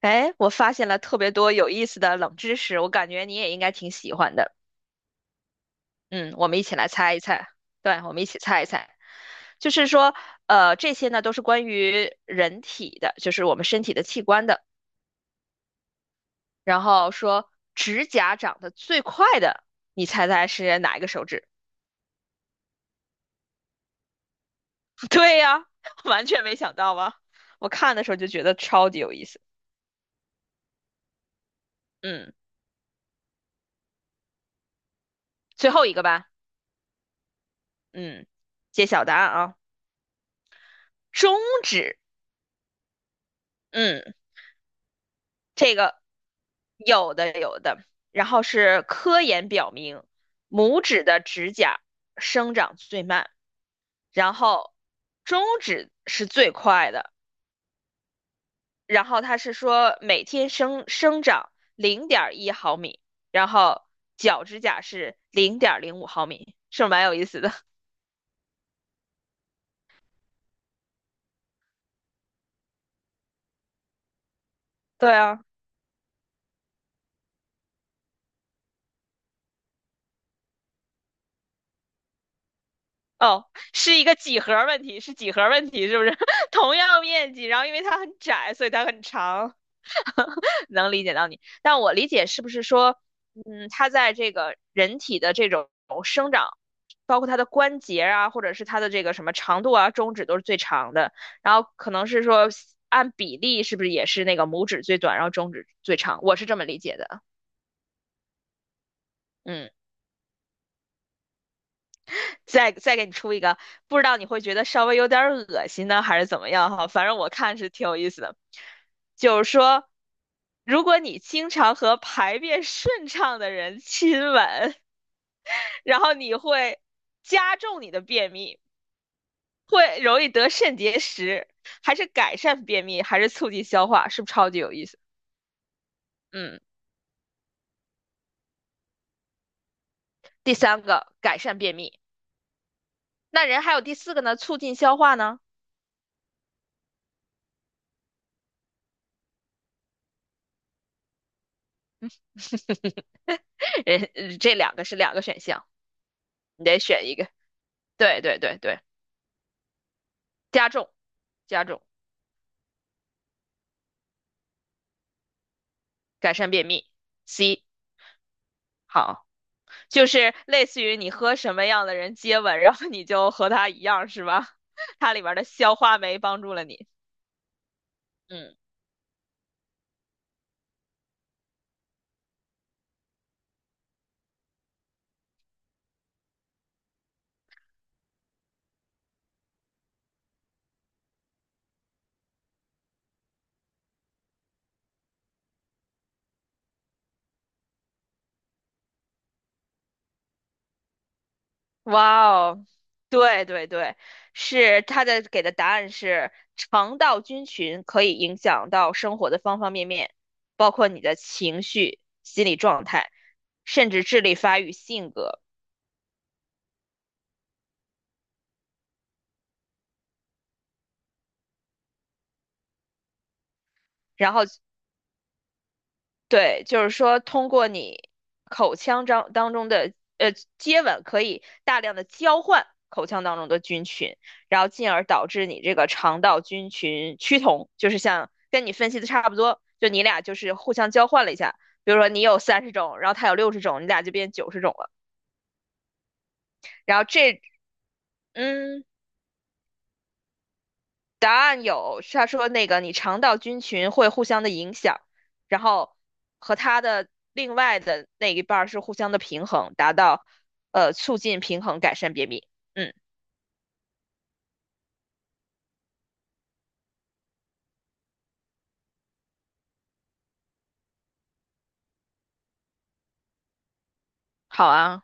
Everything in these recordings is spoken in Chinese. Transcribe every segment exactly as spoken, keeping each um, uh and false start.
哎，我发现了特别多有意思的冷知识，我感觉你也应该挺喜欢的。嗯，我们一起来猜一猜。对，我们一起猜一猜。就是说，呃，这些呢都是关于人体的，就是我们身体的器官的。然后说，指甲长得最快的，你猜猜是哪一个手指？对呀，完全没想到吧？我看的时候就觉得超级有意思。嗯，最后一个吧。嗯，揭晓答案啊，中指。嗯。这个有的有的，然后是科研表明，拇指的指甲生长最慢，然后中指是最快的，然后它是说每天生生长零点一毫米，然后脚指甲是零点零五毫米，是不是蛮有意思的？对啊，哦，是一个几何问题，是几何问题，是不是？同样面积，然后因为它很窄，所以它很长。能理解到你，但我理解是不是说，嗯，它在这个人体的这种生长，包括它的关节啊，或者是它的这个什么长度啊，中指都是最长的，然后可能是说按比例是不是也是那个拇指最短，然后中指最长，我是这么理解的，嗯。再再给你出一个，不知道你会觉得稍微有点儿恶心呢，还是怎么样哈？反正我看是挺有意思的，就是说，如果你经常和排便顺畅的人亲吻，然后你会加重你的便秘，会容易得肾结石，还是改善便秘，还是促进消化？是不是超级有意思？嗯，第三个改善便秘，那人还有第四个呢，促进消化呢？人这两个是两个选项，你得选一个。对对对对。加重，加重，改善便秘。C。 好，就是类似于你和什么样的人接吻，然后你就和他一样，是吧？它里边的消化酶帮助了你。嗯，哇哦，对对对，是它的给的答案是肠道菌群可以影响到生活的方方面面，包括你的情绪、心理状态，甚至智力发育、性格。然后对，就是说通过你口腔当当中的呃接吻，可以大量的交换口腔当中的菌群，然后进而导致你这个肠道菌群趋同，就是像跟你分析的差不多，就你俩就是互相交换了一下，比如说你有三十种，然后他有六十种，你俩就变九十种了，然后这嗯答案有，他说那个你肠道菌群会互相的影响，然后和它的另外的那一半儿是互相的平衡，达到呃促进平衡，改善便秘。嗯，好啊，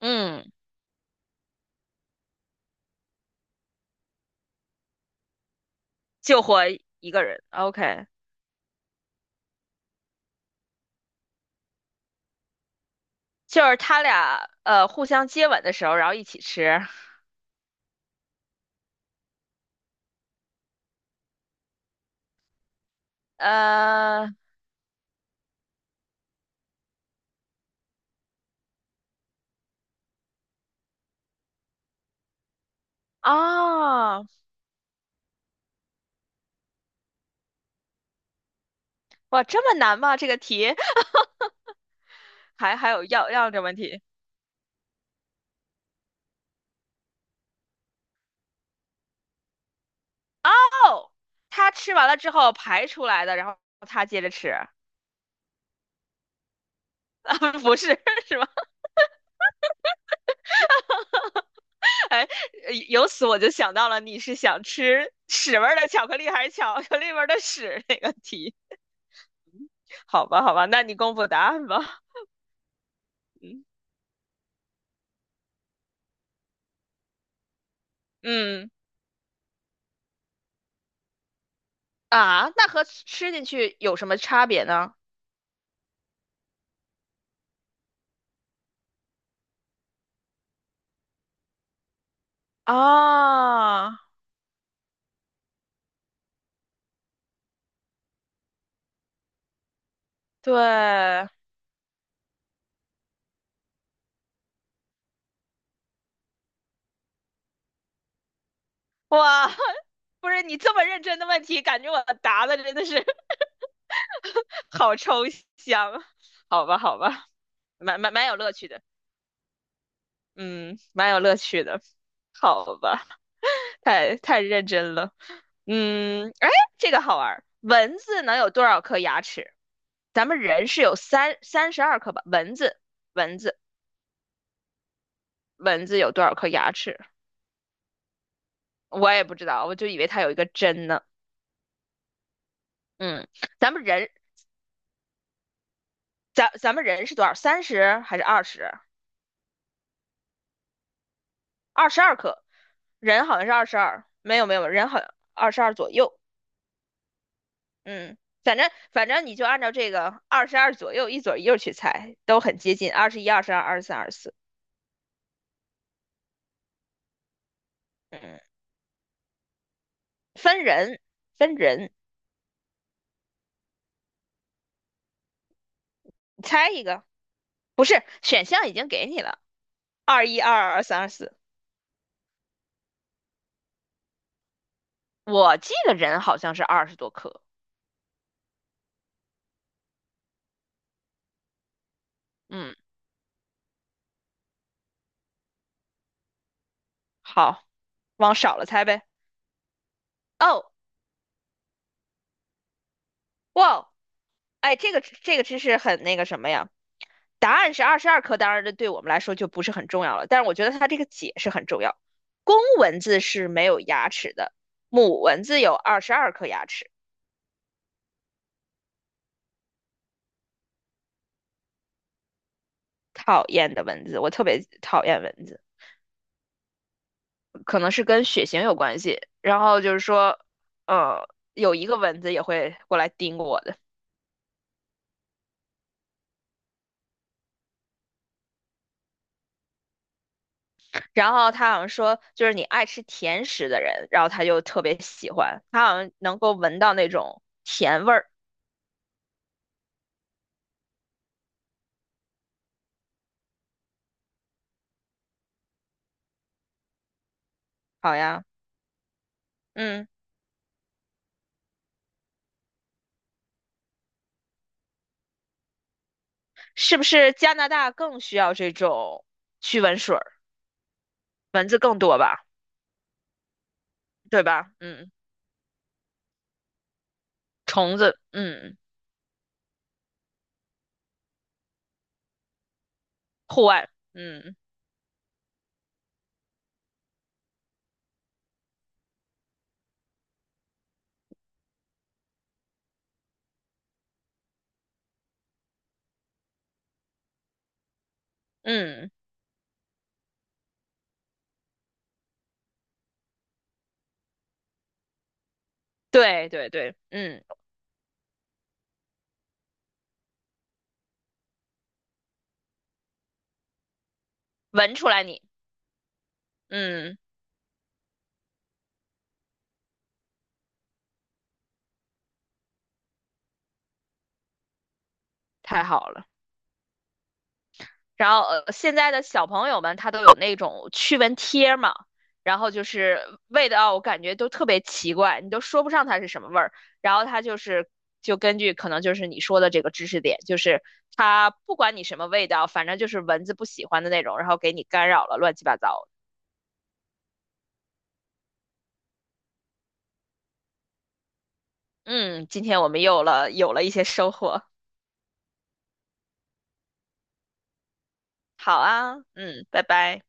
嗯，救活一个人，OK,就是他俩呃互相接吻的时候，然后一起吃，呃，哦，哇，这么难吗？这个题 还还有药药这问题哦，他吃完了之后排出来的，然后他接着吃。啊，不是是吧？哎，由此我就想到了，你是想吃屎味儿的巧克力还是巧克力味儿的屎那个题？好吧，好吧，那你公布答案吧。嗯嗯啊，那和吃进去有什么差别呢？啊，对，哇，不是你这么认真的问题，感觉我答的真的是 好抽象。好吧，好吧，蛮蛮蛮有乐趣的，嗯，蛮有乐趣的。好吧，太太认真了。嗯，哎，这个好玩儿。蚊子能有多少颗牙齿？咱们人是有三三十二颗吧？蚊子，蚊子，蚊子有多少颗牙齿？我也不知道，我就以为它有一个针呢。嗯，咱们人，咱咱们人是多少？三十还是二十？二十二颗。人好像是二十二，没有没有，人好像二十二左右。嗯，反正反正你就按照这个二十二左右一左一右去猜，都很接近，二十一、二十二、二十三、二十四。嗯，分人，分人，你猜一个，不是，选项已经给你了，二一 二二 二三 二四。我记得人好像是二十多颗。嗯，好，往少了猜呗。哦，哇，哎，这个这个知识很那个什么呀？答案是二十二颗，当然这对我们来说就不是很重要了，但是我觉得它这个解释很重要。公蚊子是没有牙齿的，母蚊子有二十二颗牙齿。讨厌的蚊子，我特别讨厌蚊子。可能是跟血型有关系。然后就是说，呃，有一个蚊子也会过来叮我的。然后他好像说，就是你爱吃甜食的人，然后他就特别喜欢，他好像能够闻到那种甜味儿。好呀，嗯，是不是加拿大更需要这种驱蚊水儿？蚊子更多吧，对吧？嗯，虫子，嗯，户外，嗯嗯，对对对，嗯，闻出来你，嗯，太好了。然后呃，现在的小朋友们他都有那种驱蚊贴嘛，然后就是味道我感觉都特别奇怪，你都说不上它是什么味儿。然后它就是就根据可能就是你说的这个知识点，就是它不管你什么味道，反正就是蚊子不喜欢的那种，然后给你干扰了，乱七八糟的。嗯，今天我们又了有了一些收获。好啊，嗯，拜拜。